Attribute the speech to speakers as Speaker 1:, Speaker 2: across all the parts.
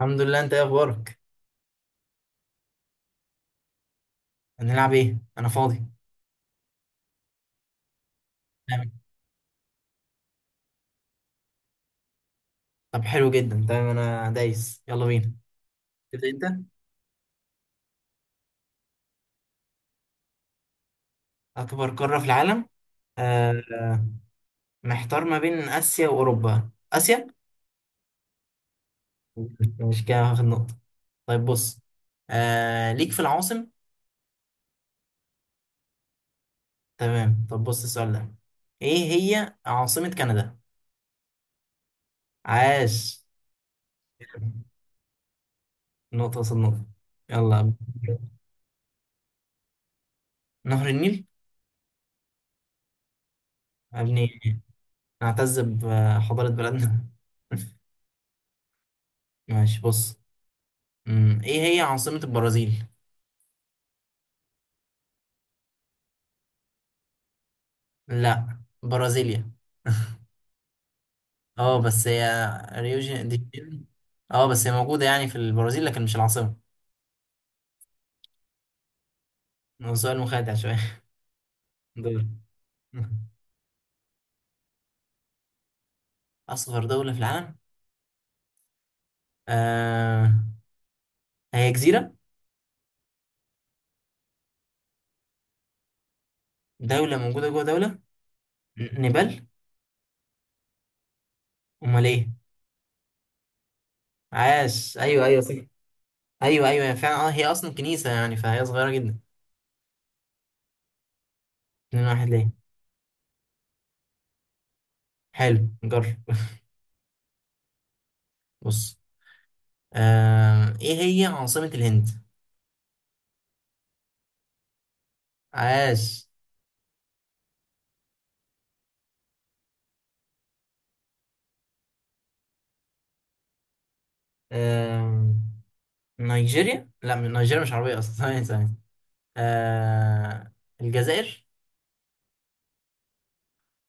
Speaker 1: الحمد لله. انت ايه اخبارك؟ هنلعب ايه؟ انا فاضي. تمام. طب حلو جدا. تمام انا دايس، يلا بينا. تبدا انت. اكبر قاره في العالم؟ آه آه، محتار ما بين اسيا واوروبا. اسيا. مش كده هاخد نقطه؟ طيب بص. ليك في العواصم. تمام. طب بص السؤال ده. ايه هي عاصمه كندا؟ عاش. نقطه قصاد نقطه. يلا. نهر النيل. يا ابني، نعتز بحضاره بلدنا. ماشي بص. ايه هي عاصمة البرازيل؟ لا، برازيليا. اه بس هي ريو دي جانيرو. اه بس هي موجودة يعني في البرازيل لكن مش العاصمة. هو سؤال مخادع شوية. دول. أصغر دولة في العالم. آه هي جزيرة. دولة موجودة جوه دولة. نيبال. أمال إيه؟ عاش، أيوه أيوه صح. أيوه أيوه، هي فعلا اه هي أصلا كنيسة يعني فهي صغيرة جدا. اتنين واحد ليه؟ حلو جرب. بص. إيه هي عاصمة الهند؟ عاش. آم، نيجيريا، لا، من نيجيريا مش عربية أصلا. ثانية ثانية. آه، الجزائر.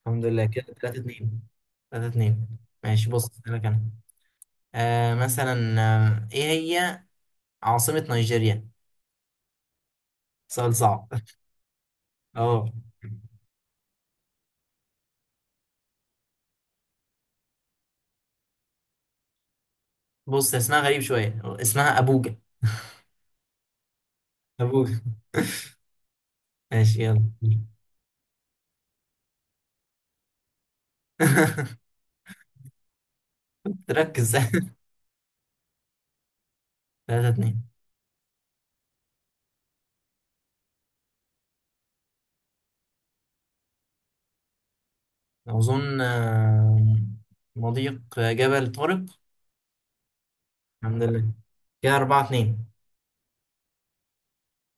Speaker 1: الحمد لله. كده 3-2. 3-2. ماشي بص، أسألك أنا. مثلا. إيه هي عاصمة نيجيريا؟ سؤال صعب. أه. بص، اسمها غريب شوية، اسمها أبوجا. أبوجا. ماشي، يلا. تركز. 3-2. أظن، مضيق جبل طارق. الحمد لله. كده 4-2.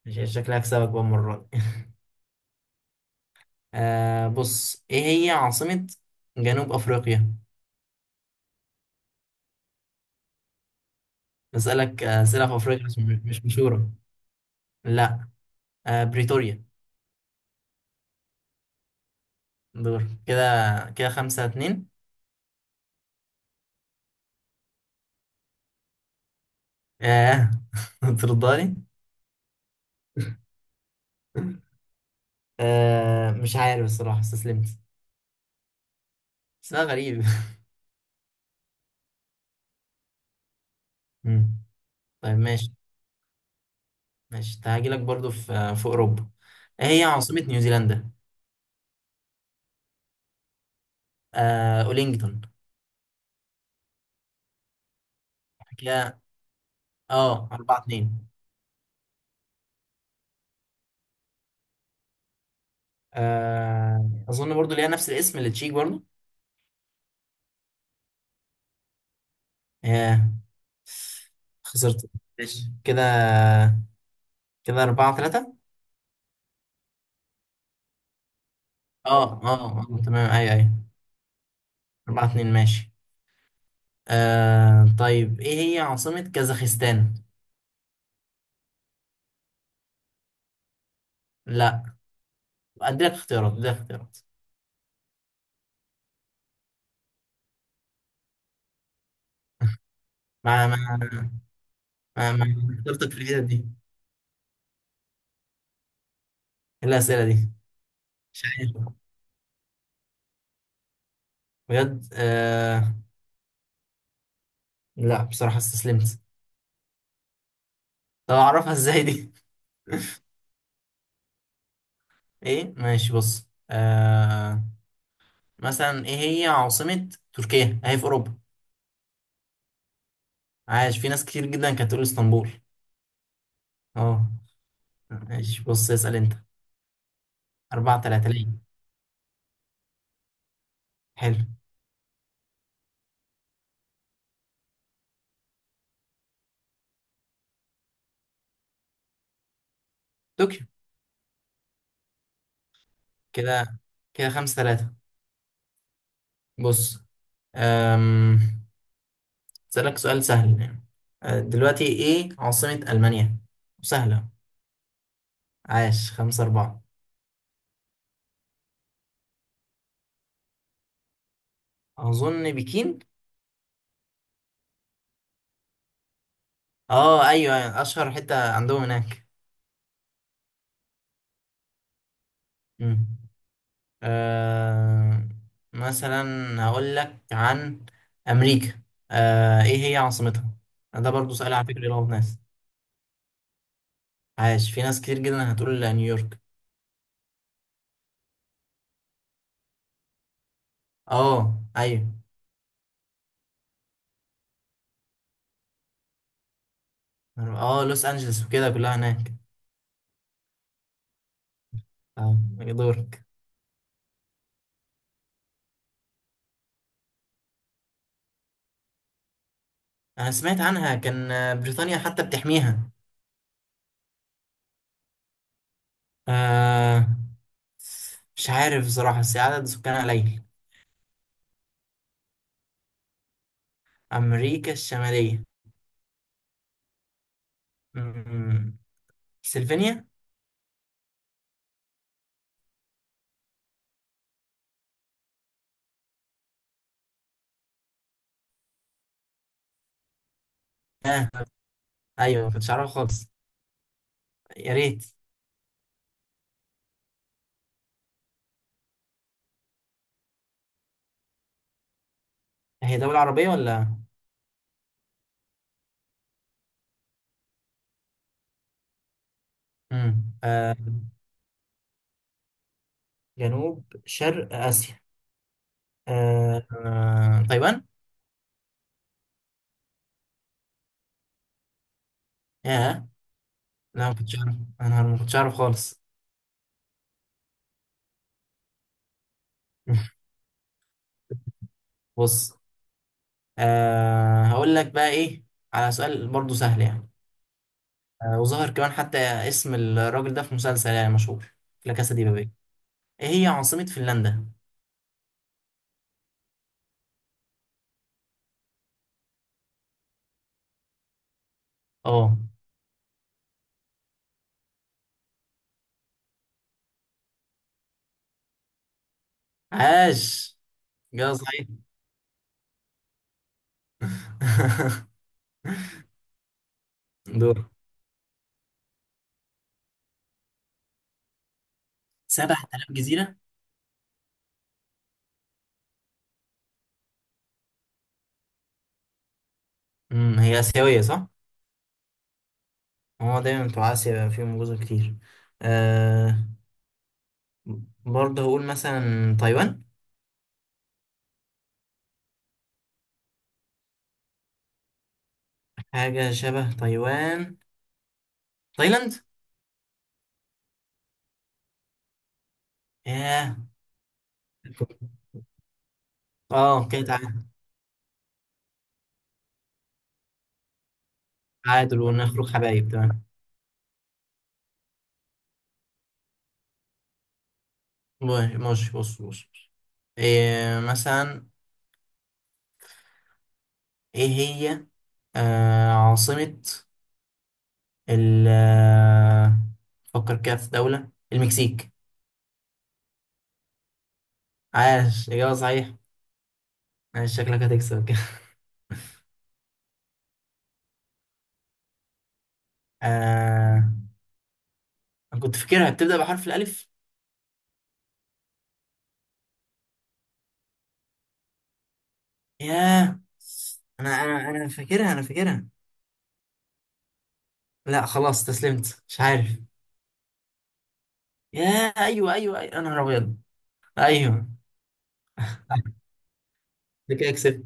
Speaker 1: مش شكلها هكسبك بقى المرة دي. بص، ايه هي عاصمة جنوب افريقيا؟ بسألك أسئلة في افريقيا مش مشهورة. لا، بريتوريا. دور كده. كده خمسة اتنين. اه. ترضاني؟ مش عارف الصراحة، استسلمت. اسمها غريب. مم. طيب، ماشي. ماشي، هاجيلك برضو في أوروبا. إيه هي عاصمة نيوزيلندا؟ أولينجتون. كده اه أربعة اتنين. أظن برضو ليها نفس الاسم اللي تشيك برضو. ياه، خسرت. ماشي كده. كده أربعة ثلاثة. اه اه، تمام أيوة أيوة. أربعة اتنين ماشي. طيب، إيه هي عاصمة كازاخستان؟ لا، أديلك اختيارات، أديلك اختيارات. ما ما ما اخترتك في الحتة دي إيه؟ الأسئلة دي. مش عارف بجد. لا، بصراحة استسلمت. طب أعرفها إزاي دي؟ إيه، ماشي بص. مثلا، إيه هي عاصمة تركيا؟ أهي في أوروبا. عايش، في ناس كتير جدا كانت تقول اسطنبول. اه، ماشي بص، اسأل انت. أربعة تلاتة ليه؟ حلو. طوكيو. كده كده خمسة تلاتة. بص. أم... اسألك سؤال سهل يعني. دلوقتي، ايه عاصمة ألمانيا؟ سهلة. عاش. خمسة أربعة. أظن بكين. اه، أيوة أيوة، أشهر حتة عندهم هناك. مم. أه... مثلا، هقول لك عن أمريكا. ايه هي عاصمتها؟ ده برضو سؤال على فكرة يلخبط ناس. عاش. في ناس كتير جدا هتقول نيويورك. اه، ايوه. اه، لوس انجلوس وكده كلها هناك. اه، يدورك. انا سمعت عنها، كان بريطانيا حتى بتحميها. آه مش عارف بصراحة، بس عدد سكانها قليل. امريكا الشمالية. مم. سلفينيا. اه، ايوه، ما كنتش عارفها خالص. يا ريت. هي دولة عربية ولا؟ مم. جنوب شرق اسيا. تايوان. ياه. لا، ما كنتش عارف. انا ما كنتش عارف خالص. بص. هقول لك بقى ايه، على سؤال برضو سهل يعني. وظهر كمان حتى اسم الراجل ده في مسلسل يعني مشهور. لا كاسا دي بابيل. ايه هي عاصمة فنلندا؟ اه، عاش. جا صحيح. دور. 7000 جزيرة. هي آسيوية صح؟ هو دايما بتوع آسيا بيبقى فيهم جزر كتير. أه برضه هقول مثلا تايوان. حاجة شبه تايوان. تايلاند. ياه. اه، كده تعادل ونخرج حبايب، تمام. ماشي ماشي، بص بص بص. إيه، مثلا. ايه هي عاصمة ال آه، فكر كده في دولة المكسيك. عاش، إجابة صحيح. عاش، شكلك هتكسب كده. آه أنا كنت فاكرها بتبدأ بحرف الألف. ياه، أنا فاكرها. لا، خلاص استسلمت، مش عارف. ياه، أيوه أيوه أيوه، أنا أبيض. أيوه. ده كده كسبت.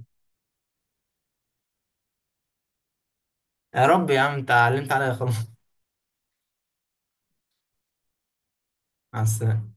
Speaker 1: يا رب يا عم، أنت علمت عليا خلاص. مع السلامة.